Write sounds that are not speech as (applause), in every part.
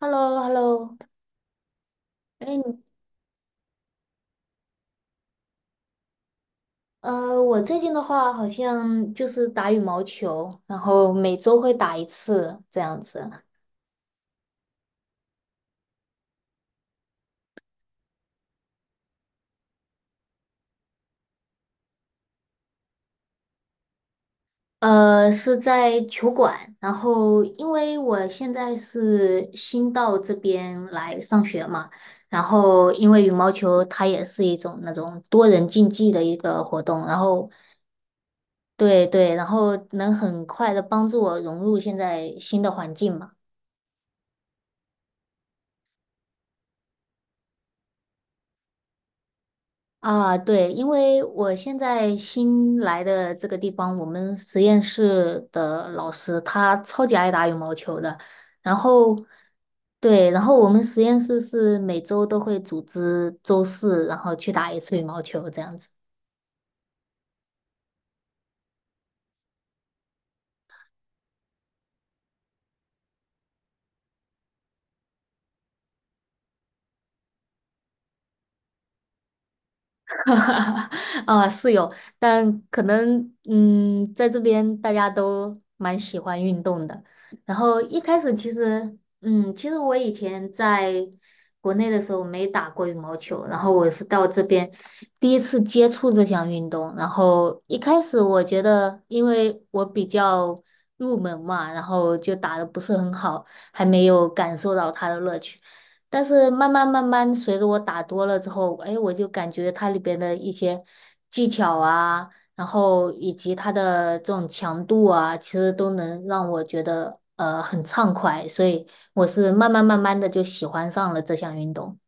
Hello hello 哎，我最近的话好像就是打羽毛球，然后每周会打一次这样子。是在球馆，然后因为我现在是新到这边来上学嘛，然后因为羽毛球它也是一种那种多人竞技的一个活动，然后对对，然后能很快的帮助我融入现在新的环境嘛。啊，对，因为我现在新来的这个地方，我们实验室的老师他超级爱打羽毛球的，然后对，然后我们实验室是每周都会组织周四，然后去打一次羽毛球这样子。(laughs) 啊，是有，但可能在这边大家都蛮喜欢运动的。然后一开始其实我以前在国内的时候没打过羽毛球，然后我是到这边第一次接触这项运动。然后一开始我觉得，因为我比较入门嘛，然后就打的不是很好，还没有感受到它的乐趣。但是慢慢慢慢，随着我打多了之后，哎，我就感觉它里边的一些技巧啊，然后以及它的这种强度啊，其实都能让我觉得很畅快，所以我是慢慢慢慢的就喜欢上了这项运动。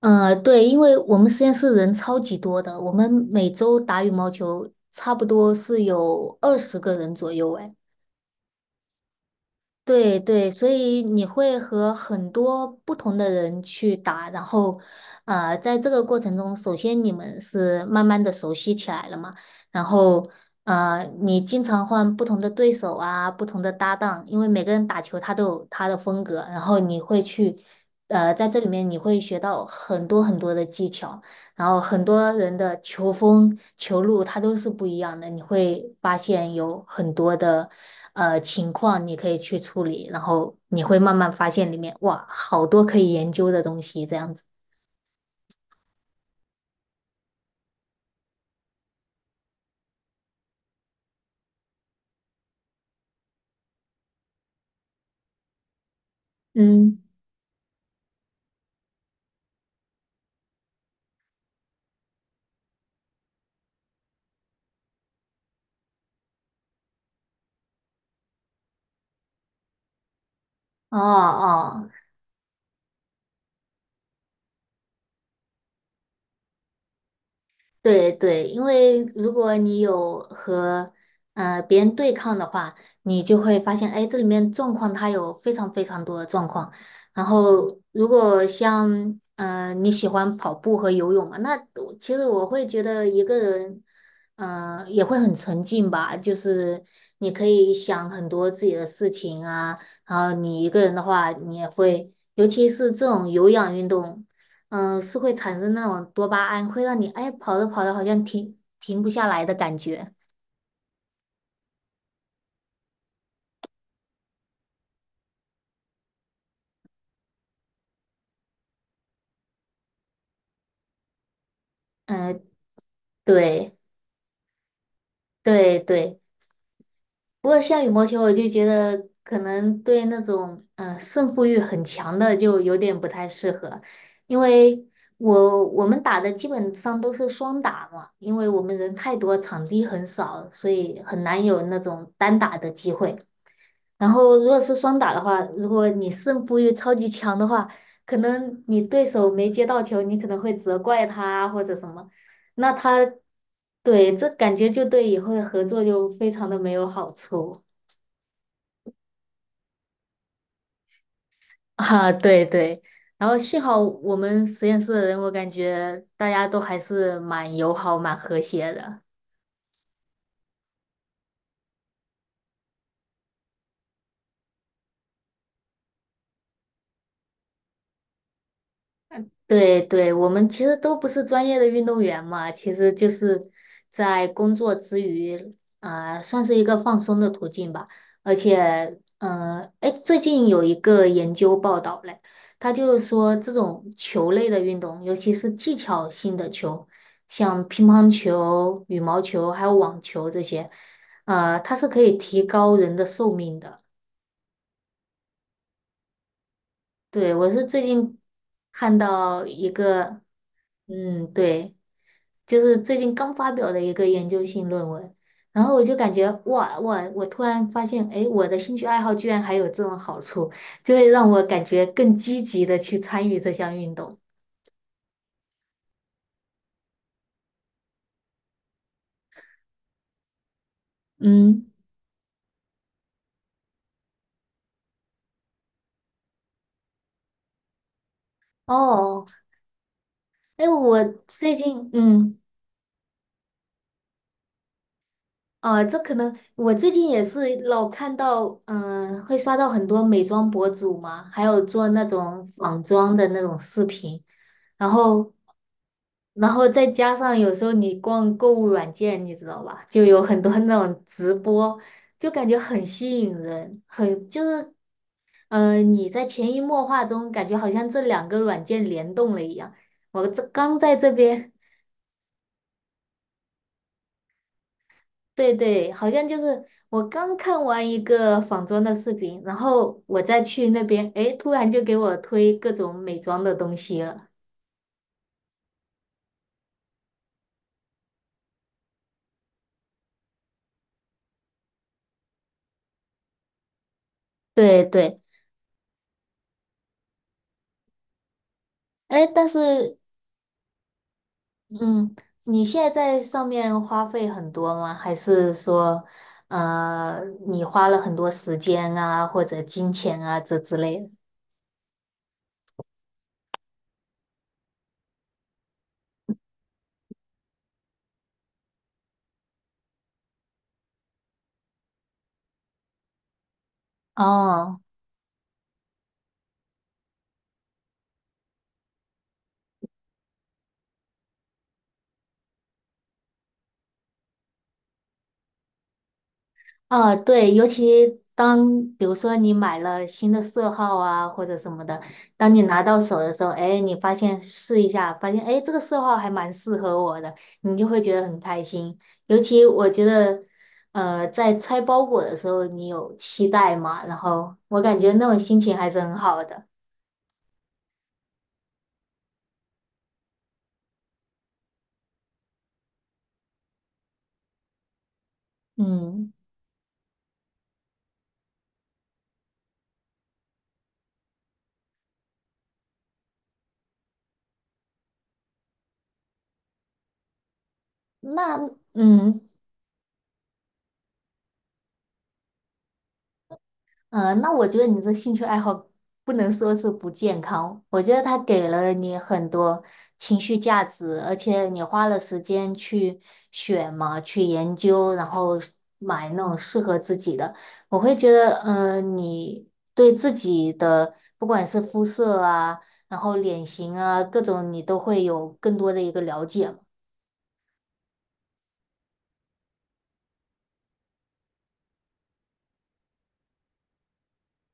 嗯，对，因为我们实验室人超级多的，我们每周打羽毛球差不多是有20个人左右，哎。对对，所以你会和很多不同的人去打，然后，在这个过程中，首先你们是慢慢的熟悉起来了嘛，然后，你经常换不同的对手啊，不同的搭档，因为每个人打球他都有他的风格，然后你会去，在这里面你会学到很多很多的技巧。然后很多人的球风、球路它都是不一样的，你会发现有很多的情况你可以去处理，然后你会慢慢发现里面哇，好多可以研究的东西这样子。嗯，哦哦，对对，因为如果你有和别人对抗的话，你就会发现，哎，这里面状况它有非常非常多的状况。然后，如果像你喜欢跑步和游泳嘛，那其实我会觉得一个人，也会很沉静吧。就是你可以想很多自己的事情啊，然后你一个人的话，你也会，尤其是这种有氧运动。是会产生那种多巴胺，会让你哎跑着跑着好像停不下来的感觉。嗯、对对对。不过像羽毛球，我就觉得可能对那种胜负欲很强的就有点不太适合，因为我们打的基本上都是双打嘛，因为我们人太多，场地很少，所以很难有那种单打的机会。然后如果是双打的话，如果你胜负欲超级强的话，可能你对手没接到球，你可能会责怪他啊或者什么，那他对这感觉就对以后的合作就非常的没有好处。 (laughs) 啊，对对。然后幸好我们实验室的人，我感觉大家都还是蛮友好、蛮和谐的。对对，我们其实都不是专业的运动员嘛，其实就是在工作之余，啊、算是一个放松的途径吧。而且，哎，最近有一个研究报道嘞，他就是说这种球类的运动，尤其是技巧性的球，像乒乓球、羽毛球还有网球这些，它是可以提高人的寿命的。对，我是最近看到一个。嗯，对，就是最近刚发表的一个研究性论文，然后我就感觉哇哇，我突然发现，哎，我的兴趣爱好居然还有这种好处，就会让我感觉更积极的去参与这项运动。嗯，哦，哎，我最近。这可能我最近也是老看到，会刷到很多美妆博主嘛，还有做那种仿妆的那种视频，然后，然后再加上有时候你逛购物软件，你知道吧，就有很多 (laughs) 那种直播，就感觉很吸引人，很就是，你在潜移默化中感觉好像这两个软件联动了一样。我这刚在这边对对，好像就是我刚看完一个仿妆的视频，然后我再去那边，诶，突然就给我推各种美妆的东西了。对对，诶，但是，嗯，你现在在上面花费很多吗？还是说，呃，你花了很多时间啊，或者金钱啊，这之类的？哦。对，尤其当比如说你买了新的色号啊，或者什么的，当你拿到手的时候，哎，你发现试一下，发现哎这个色号还蛮适合我的，你就会觉得很开心。尤其我觉得，在拆包裹的时候，你有期待嘛，然后我感觉那种心情还是很好的。嗯，那嗯，嗯，那我觉得你这兴趣爱好不能说是不健康，我觉得它给了你很多情绪价值，而且你花了时间去选嘛，去研究，然后是买那种适合自己的。我会觉得，嗯，你对自己的不管是肤色啊，然后脸型啊，各种你都会有更多的一个了解嘛。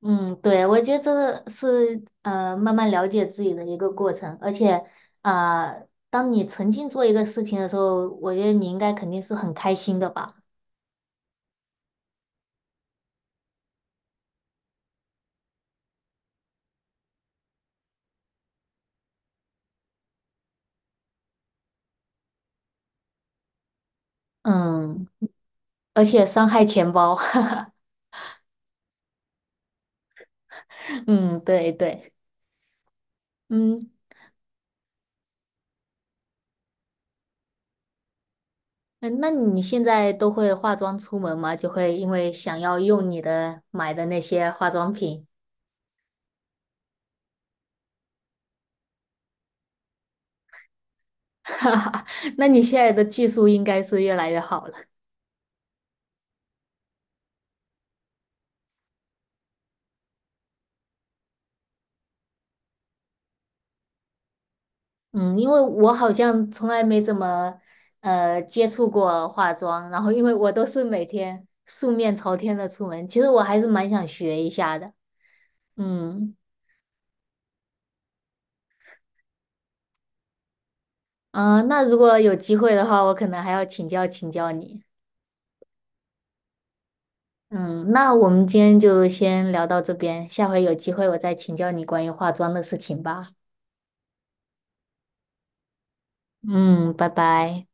嗯，对，我觉得这是慢慢了解自己的一个过程，而且当你沉浸做一个事情的时候，我觉得你应该肯定是很开心的吧？嗯，而且伤害钱包，(laughs) 嗯，对对，嗯，那你现在都会化妆出门吗？就会因为想要用你的买的那些化妆品，(laughs) 哈哈，那你现在的技术应该是越来越好了。嗯，因为我好像从来没怎么接触过化妆，然后因为我都是每天素面朝天的出门，其实我还是蛮想学一下的。嗯，啊、那如果有机会的话，我可能还要请教请教你。嗯，那我们今天就先聊到这边，下回有机会我再请教你关于化妆的事情吧。嗯，拜拜。